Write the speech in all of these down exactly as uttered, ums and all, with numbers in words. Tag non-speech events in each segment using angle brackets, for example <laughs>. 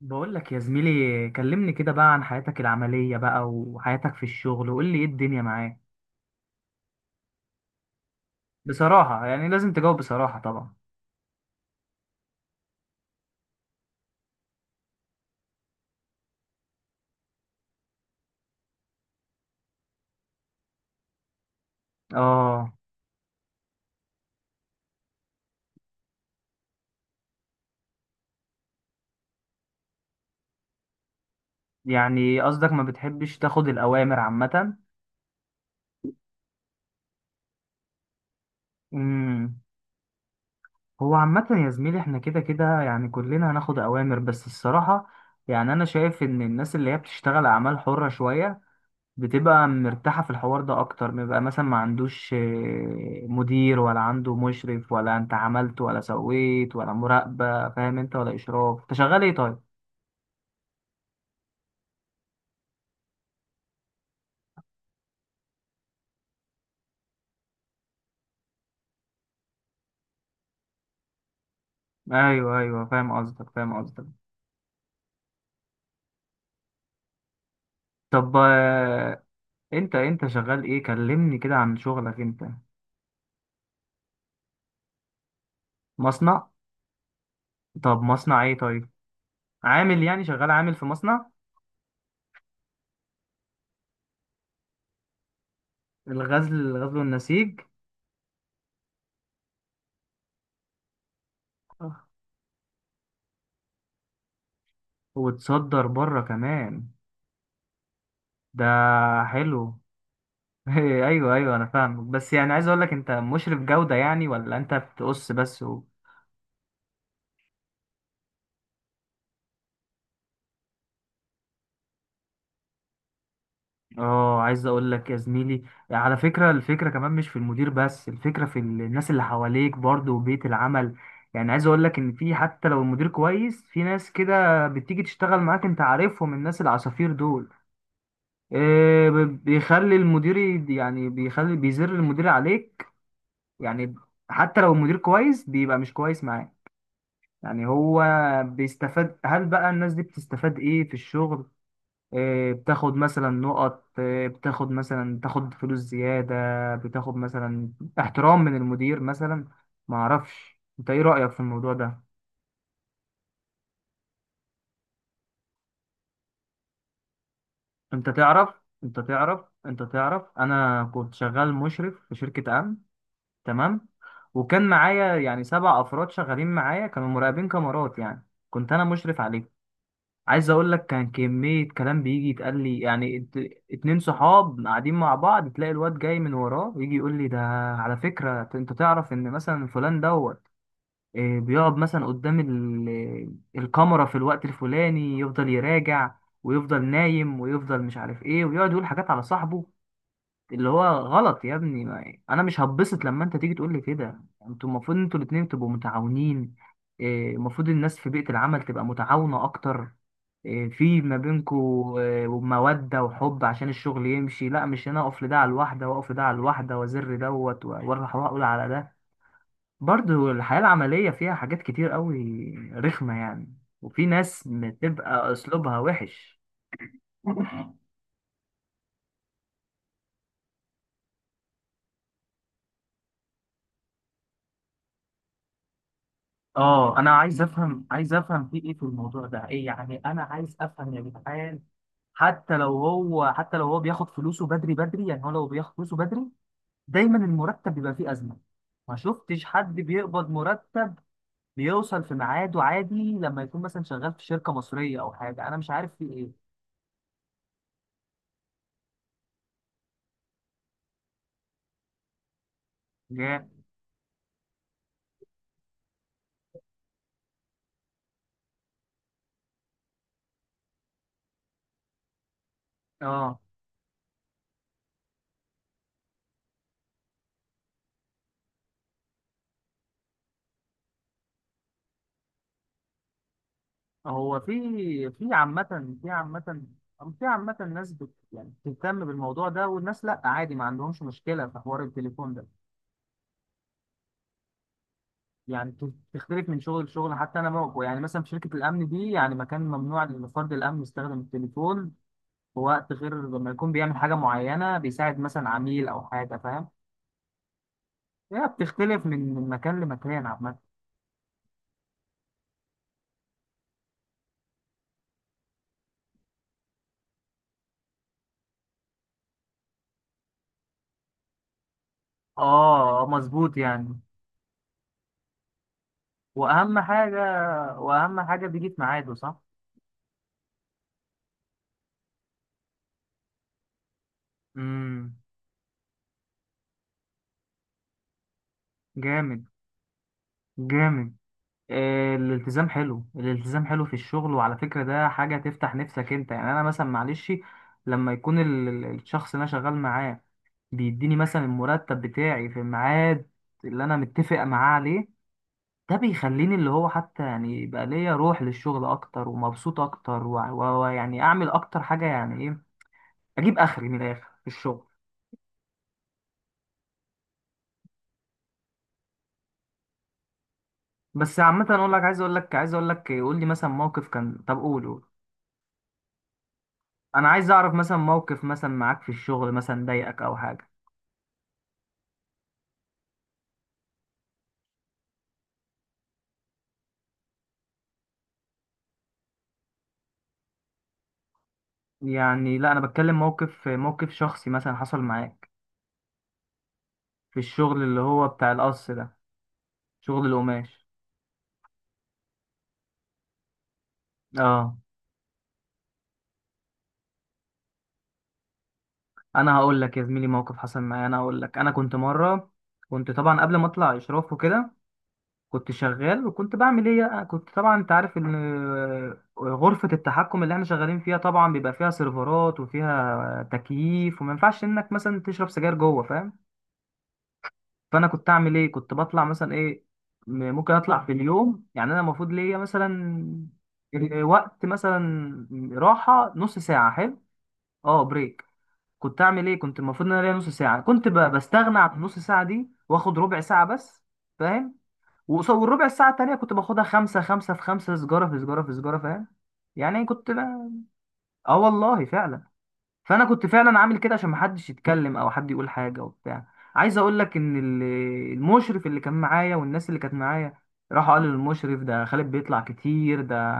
بقول لك يا زميلي، كلمني كده بقى عن حياتك العملية بقى، وحياتك في الشغل، وقول لي ايه الدنيا معاك. بصراحة يعني لازم تجاوب بصراحة طبعا. اه. يعني قصدك ما بتحبش تاخد الأوامر عامة؟ امم. هو عامة يا زميلي، احنا كده كده يعني كلنا هناخد أوامر، بس الصراحة يعني أنا شايف إن الناس اللي هي بتشتغل أعمال حرة شوية بتبقى مرتاحة في الحوار ده أكتر، بيبقى مثلا ما عندوش آه، مدير، ولا عنده مشرف، ولا أنت عملت ولا سويت ولا مراقبة، فاهم أنت؟ ولا إشراف. أنت شغال إيه طيب؟ أيوه أيوه، فاهم قصدك فاهم قصدك طب آه، أنت أنت شغال إيه؟ كلمني كده عن شغلك أنت. مصنع؟ طب مصنع إيه طيب؟ عامل يعني، شغال عامل في مصنع. الغزل الغزل والنسيج. آه، وتصدر بره كمان ده. حلو. <laughs> ايوه ايوه، انا فاهمك، بس يعني عايز اقول لك، انت مشرف جودة يعني ولا انت بتقص بس و... اه، عايز اقول لك يا زميلي، على فكرة الفكرة كمان مش في المدير بس، الفكرة في ال- الناس اللي حواليك برضه، وبيئة العمل. يعني عايز اقول لك ان في، حتى لو المدير كويس، في ناس كده بتيجي تشتغل معاك، انت عارفهم الناس العصافير دول. إيه، ب- بيخلي المدير، ي- يعني بيخلي بيزر المدير عليك. يعني حتى لو المدير كويس بيبقى مش كويس معاك. يعني هو بيستفاد، هل بقى الناس دي بتستفاد ايه في الشغل؟ إيه، بتاخد مثلا نقط؟ إيه، بتاخد مثلا، بتاخد فلوس زيادة؟ بتاخد مثلا احترام من المدير مثلا؟ ما اعرفش، انت ايه رأيك في الموضوع ده؟ انت تعرف انت تعرف انت تعرف انا كنت شغال مشرف في شركة امن. تمام. وكان معايا يعني سبع افراد شغالين معايا، كانوا مراقبين كاميرات يعني، كنت انا مشرف عليهم. عايز اقول لك، كان كمية كلام بيجي يتقال لي، يعني ات- اتنين صحاب قاعدين مع بعض، تلاقي الواد جاي من وراه يجي يقول لي، ده على فكرة انت تعرف ان مثلا فلان دوت إيه، بيقعد مثلا قدام ال- الكاميرا في الوقت الفلاني، يفضل يراجع ويفضل نايم ويفضل مش عارف ايه، ويقعد يقول حاجات على صاحبه. اللي هو غلط يا ابني، ما انا مش هتبسط لما انت تيجي تقول لي كده. انتوا المفروض انتوا الاتنين تبقوا متعاونين. إيه، المفروض الناس في بيئة العمل تبقى متعاونة اكتر. إيه، في ما بينكوا إيه، مودة وحب عشان الشغل يمشي، لا مش انا اقف لده على الواحدة واقف لده على الواحدة وازر دوت و- واروح اقول على ده. برضو الحياة العملية فيها حاجات كتير قوي رخمة يعني، وفي ناس بتبقى اسلوبها وحش. اه، انا عايز افهم، عايز افهم في ايه في الموضوع ده ايه، يعني انا عايز افهم يا جدعان. حتى لو هو حتى لو هو بياخد فلوسه بدري بدري، يعني هو لو بياخد فلوسه بدري، دايما المرتب بيبقى فيه ازمه. ما شفتش حد بيقبض مرتب بيوصل في ميعاده عادي، لما يكون مثلا شغال في شركه مصريه او حاجه، انا مش عارف في ايه. جا. اه. هو في في عامه، في عامه في عامه ناس بت يعني بتهتم بالموضوع ده، والناس لا، عادي ما عندهمش مشكله في حوار التليفون ده. يعني بت- بتختلف من شغل لشغل، حتى انا موقع، يعني مثلا في شركه الامن دي يعني، مكان ممنوع لفرد الامن يستخدم التليفون في وقت غير لما يكون بيعمل حاجه معينه، بيساعد مثلا عميل او حاجه، فاهم. هي بتختلف من من مكان لمكان عامه. اه مظبوط يعني. واهم حاجه واهم حاجه بيجي في ميعاده، صح. امم. جامد. جامد. آه، الالتزام حلو، الالتزام حلو في الشغل، وعلى فكرة ده حاجة تفتح نفسك انت، يعني انا مثلا معلش، لما يكون ال- ال- الشخص اللي انا شغال معاه بيديني مثلا المرتب بتاعي في الميعاد اللي انا متفق معاه عليه، ده بيخليني اللي هو حتى يعني يبقى ليا روح للشغل اكتر، ومبسوط اكتر، وع- و- ويعني اعمل اكتر حاجة، يعني ايه، اجيب اخري من الاخر في الشغل. بس عامة اقول لك، عايز اقول لك عايز اقول لك، قول لي مثلا موقف كان، طب قول قول، انا عايز اعرف مثلا موقف مثلا معاك في الشغل مثلا ضايقك او حاجه. يعني لا، انا بتكلم موقف، موقف شخصي مثلا حصل معاك، في الشغل اللي هو بتاع القص ده، شغل القماش. اه، انا هقول لك يا زميلي، موقف حصل معايا، انا هقول لك. انا كنت مره، كنت طبعا قبل ما اطلع اشراف وكده، كنت شغال وكنت بعمل ايه، أنا كنت طبعا انت عارف ان غرفه التحكم اللي احنا شغالين فيها طبعا بيبقى فيها سيرفرات وفيها تكييف، وما ينفعش انك مثلا تشرب سجاير جوه، فاهم. فانا كنت اعمل ايه، كنت بطلع مثلا ايه، م- ممكن اطلع في اليوم، يعني انا المفروض ليا مثلا ال- آه، وقت مثلا راحه نص ساعه، حلو. اه بريك. كنت اعمل ايه، كنت المفروض ان انا ليا نص ساعه، كنت ب- بستغنى عن النص ساعه دي واخد ربع ساعه بس، فاهم. وقص- والربع ساعه التانيه كنت باخدها خمسه، خمسه في خمسه، سجاره في سجاره في سجاره، فاهم. يعني كنت ب- اه والله فعلا. فانا كنت فعلا عامل كده عشان محدش يتكلم او حد يقول حاجه وبتاع. عايز اقول لك ان ال- المشرف اللي كان معايا، والناس اللي كانت معايا، راحوا قالوا للمشرف، ده خالد بيطلع كتير، ده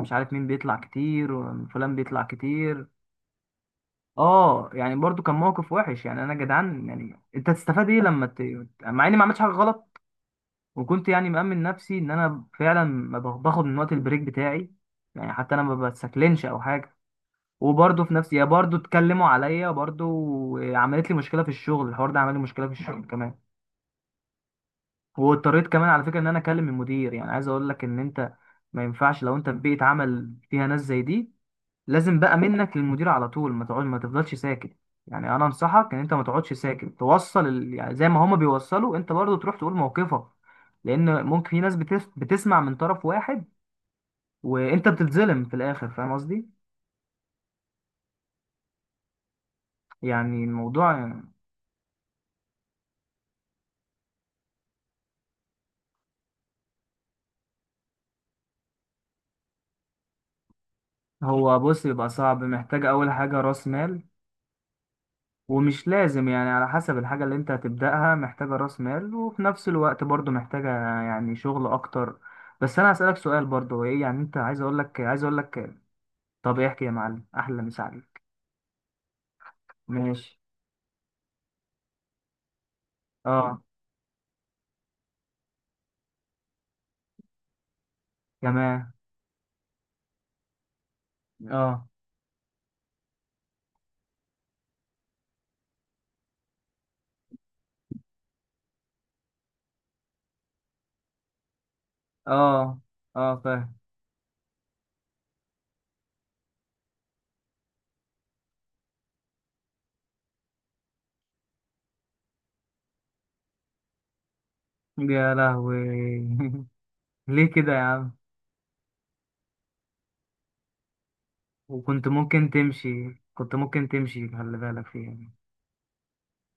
مش عارف مين بيطلع كتير، وفلان بيطلع كتير. اه يعني برضو كان موقف وحش يعني، انا جدعان يعني انت تستفاد ايه لما ت... مع اني ما عملتش حاجه غلط، وكنت يعني مأمن نفسي ان انا فعلا ما باخد من وقت البريك بتاعي، يعني حتى انا ما بتسكلنش او حاجه، وبرضه في نفس، يا برضه اتكلموا عليا برضه. عملت لي مشكله في الشغل، الحوار ده عمل لي مشكله في الشغل كمان، واضطريت كمان على فكره ان انا اكلم المدير. يعني عايز اقول لك ان انت، ما ينفعش لو انت في بيئه عمل فيها ناس زي دي، لازم بقى منك للمدير على طول، ما تقعد ما تفضلش ساكت. يعني انا انصحك ان انت ما تقعدش ساكت، توصل ال... يعني زي ما هما بيوصلوا انت برضه تروح تقول موقفك، لان ممكن في ناس بتس... بتسمع من طرف واحد، وانت بتتظلم في الاخر، فاهم قصدي. يعني الموضوع، هو بص، يبقى صعب، محتاج أول حاجة رأس مال، ومش لازم يعني، على حسب الحاجة اللي أنت هتبدأها، محتاجة رأس مال، وفي نفس الوقت برضو محتاجة يعني شغل أكتر. بس أنا هسألك سؤال برضو، هو إيه يعني أنت، عايز أقول لك عايز أقول لك، طب احكي يا معلم، أحلى مسا عليك. ماشي. أه. تمام. أه. أه. أه فاهم. يا لهوي. <laughs> ليه كده يا عم؟ وكنت ممكن تمشي، كنت ممكن تمشي، خلي بالك فيها.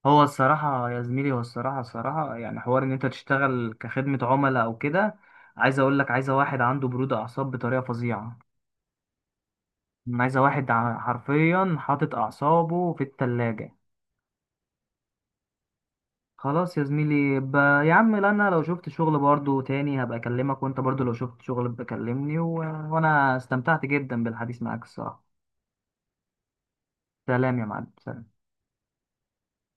هو الصراحة يا زميلي، هو الصراحة، الصراحة يعني حوار إن أنت تشتغل كخدمة عملاء أو كده، عايز أقول لك، عايزة واحد عنده برود أعصاب بطريقة فظيعة، عايزة واحد ع- حرفيا حاطط أعصابه في التلاجة. خلاص يا زميلي ب... يا عم، لا أنا لو شفت شغل برضو تاني هبقى أكلمك، وأنت برضو لو شفت شغل بكلمني و... وأنا استمتعت جدا بالحديث معاك الصراحة. سلام يا معلم. سلام.